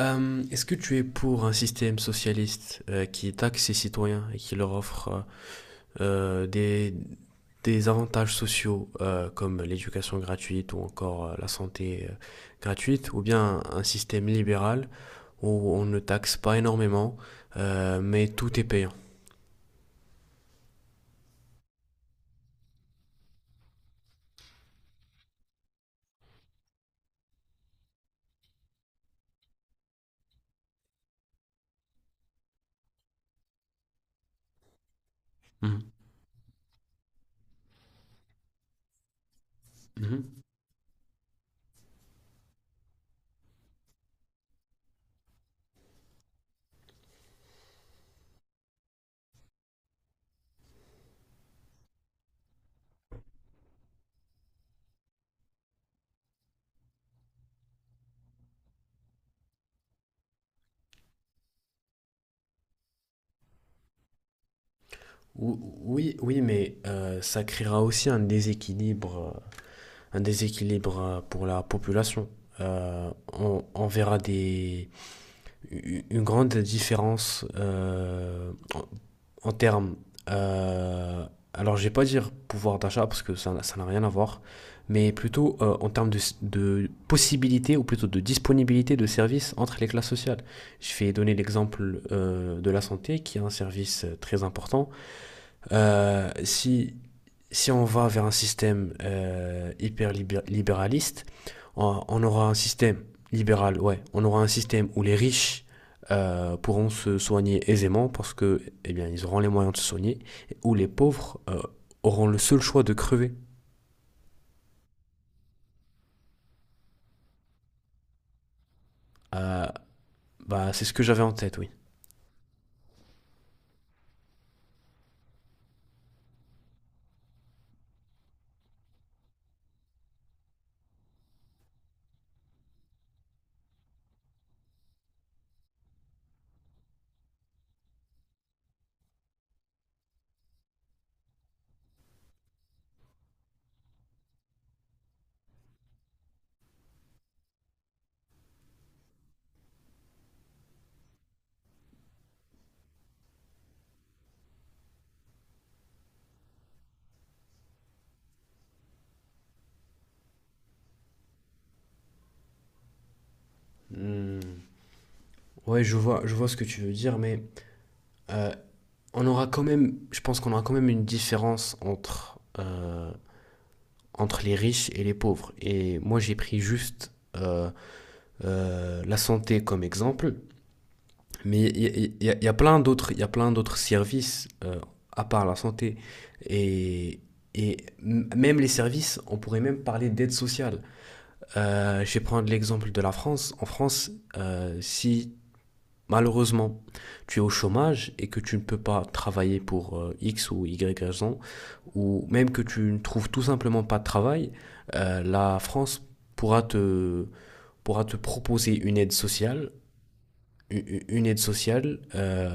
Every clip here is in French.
Est-ce que tu es pour un système socialiste qui taxe ses citoyens et qui leur offre euh, des, des avantages sociaux comme l'éducation gratuite ou encore la santé gratuite, ou bien un système libéral où on ne taxe pas énormément, mais tout est payant? Mhm. Mhm. Oui, oui, mais ça créera aussi un déséquilibre pour la population. On verra des, une grande différence en termes. euh, alors, je vais pas dire pouvoir d'achat parce que ça n'a rien à voir, mais plutôt en termes de possibilité ou plutôt de disponibilité de services entre les classes sociales. Je vais donner l'exemple de la santé qui est un service très important. Euh, si si on va vers un système hyper libéraliste, on aura un système libéral, ouais, on aura un système où les riches pourront se soigner aisément parce que, eh bien, ils auront les moyens de se soigner, et où les pauvres auront le seul choix de crever. Euh, Bah, c'est ce que j'avais en tête, oui. Hmm. Ouais, je vois ce que tu veux dire, mais euh, on aura quand même, je pense qu'on aura quand même une différence entre les riches et les pauvres. Et moi, j'ai pris juste la santé comme exemple, mais il y a plein d'autres services à part la santé et même les services, on pourrait même parler d'aide sociale. Je vais prendre l'exemple de la France. En France, si malheureusement tu es au chômage et que tu ne peux pas travailler pour X ou Y raison, ou même que tu ne trouves tout simplement pas de travail, la France pourra te, pourra te proposer une aide sociale une aide sociale, euh,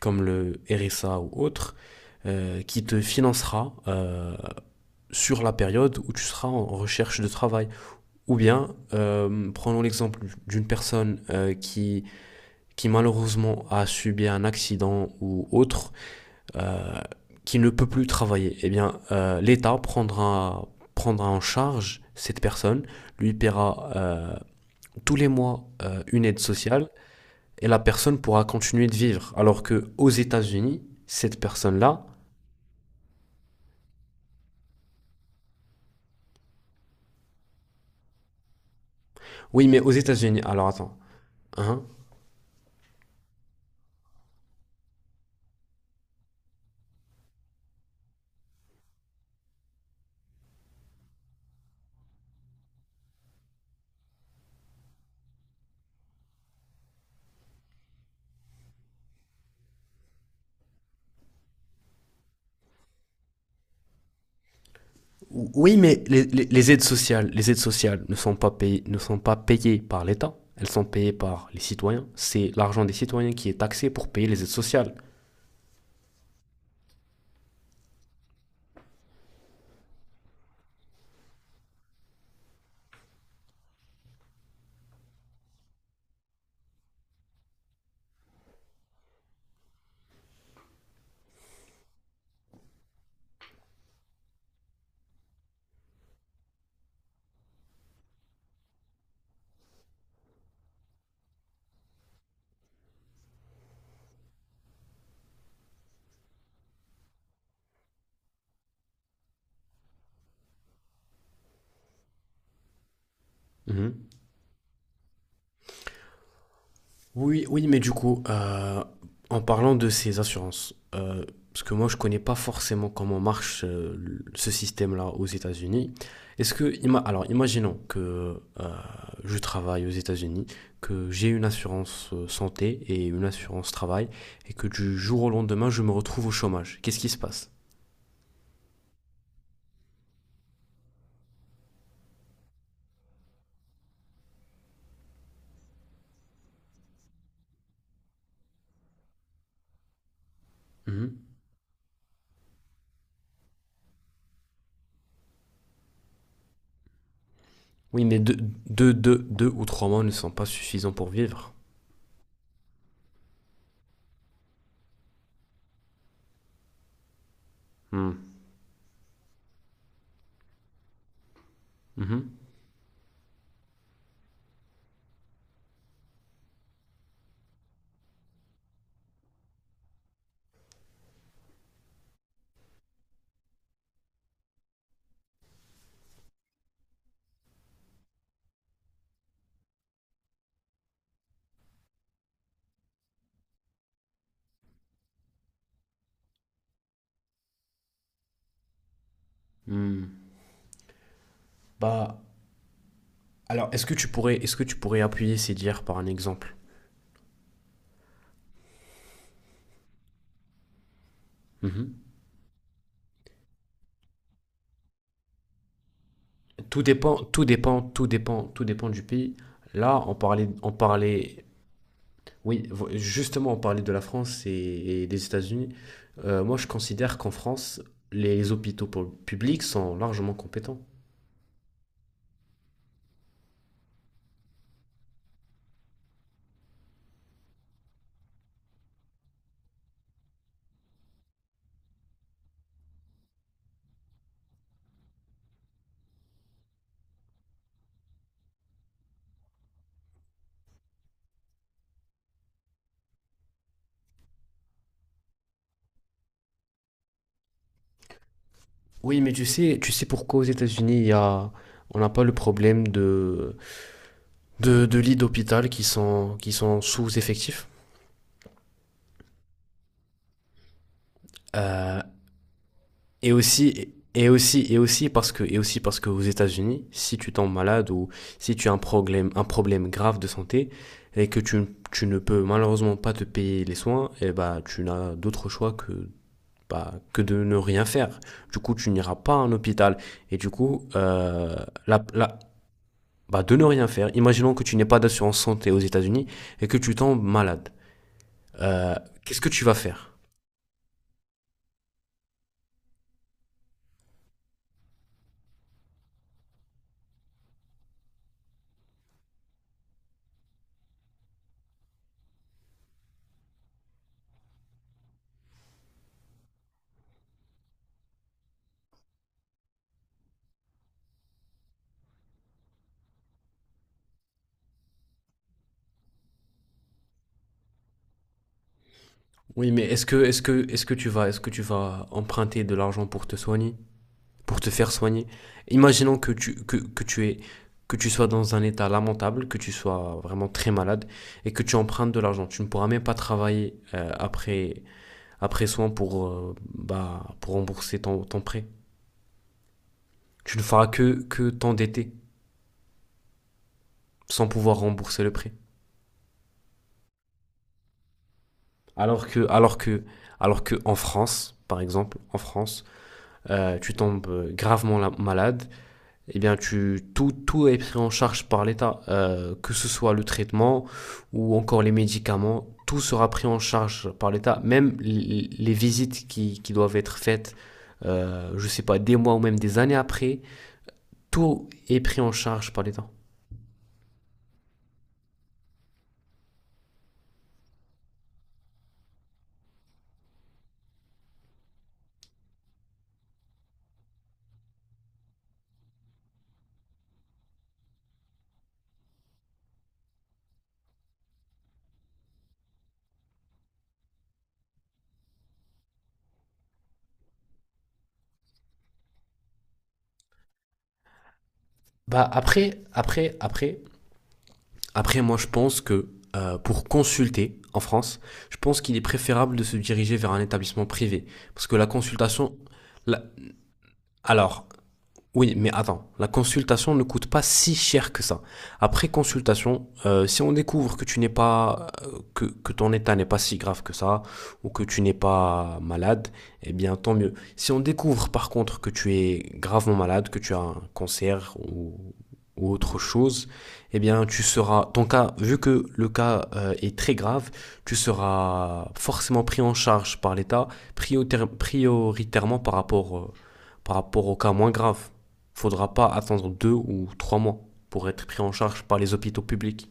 comme le RSA ou autre, qui te financera sur la période où tu seras en recherche de travail. Ou bien, prenons l'exemple d'une personne qui malheureusement a subi un accident ou autre, qui ne peut plus travailler. Eh bien, l'État prendra en charge cette personne, lui paiera tous les mois une aide sociale et la personne pourra continuer de vivre. Alors que aux États-Unis, cette personne-là, oui, mais aux États-Unis, alors attends, hein, oui, mais les aides sociales, ne sont pas payées, par l'État, elles sont payées par les citoyens. C'est l'argent des citoyens qui est taxé pour payer les aides sociales. Mhm. Oui, oui, mais du coup, en parlant de ces assurances, parce que moi je connais pas forcément comment marche ce système-là aux États-Unis. Alors, imaginons que je travaille aux États-Unis, que j'ai une assurance santé et une assurance travail, et que du jour au lendemain je me retrouve au chômage. Qu'est-ce qui se passe? Mhm. Oui, mais 2 ou 3 mois ne sont pas suffisants pour vivre. Hmm. Mhm. Hmm. Bah, alors, est-ce que tu pourrais, appuyer ces dires par un exemple. Mhm. Tout dépend du pays. Là, oui, justement, on parlait de la France et des États-Unis. Moi, je considère qu'en France, les hôpitaux publics sont largement compétents. Oui, mais tu sais pourquoi aux États-Unis, on n'a pas le problème de lits d'hôpital qui sont sous-effectifs? Euh, Et aussi, et aussi parce que aux États-Unis, si tu tombes malade ou si tu as un problème, grave de santé et que tu ne peux malheureusement pas te payer les soins, et bah, tu n'as d'autre choix que, bah, que de ne rien faire. Du coup, tu n'iras pas à un hôpital. Et du coup, la, la, bah, de ne rien faire. Imaginons que tu n'aies pas d'assurance santé aux États-Unis et que tu tombes malade. Euh, Qu'est-ce que tu vas faire? Oui, mais est-ce que tu vas emprunter de l'argent pour te soigner? Pour te faire soigner. Imaginons que tu sois dans un état lamentable, que tu sois vraiment très malade et que tu empruntes de l'argent. Tu ne pourras même pas travailler après soin pour, bah, pour rembourser ton prêt. Tu ne feras que t'endetter sans pouvoir rembourser le prêt. Alors que, alors que, alors que en France, par exemple, en France, tu tombes gravement malade, eh bien, tout est pris en charge par l'État, que ce soit le traitement ou encore les médicaments, tout sera pris en charge par l'État, même les visites qui doivent être faites, je sais pas, des mois ou même des années après, tout est pris en charge par l'État. Bah, moi je pense que pour consulter en France, je pense qu'il est préférable de se diriger vers un établissement privé, parce que la consultation, la- alors, oui, mais attends, la consultation ne coûte pas si cher que ça. Après consultation, si on découvre que tu n'es pas, que ton état n'est pas si grave que ça, ou que tu n'es pas malade, eh bien tant mieux. Si on découvre par contre que tu es gravement malade, que tu as un cancer ou autre chose, eh bien tu seras, ton cas, vu que le cas est très grave, tu seras forcément pris en charge par l'État prioritairement par rapport au cas moins grave, faudra pas attendre 2 ou 3 mois pour être pris en charge par les hôpitaux publics.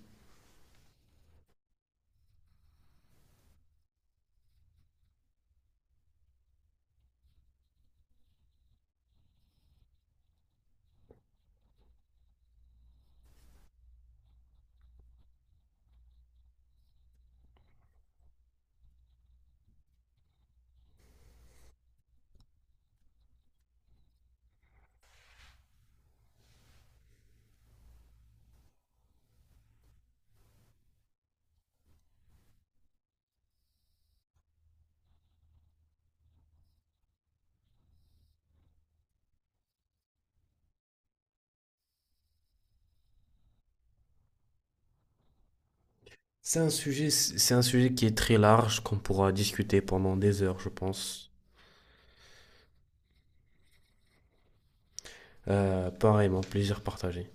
C'est un sujet, qui est très large qu'on pourra discuter pendant des heures, je pense. Pareillement, plaisir partagé.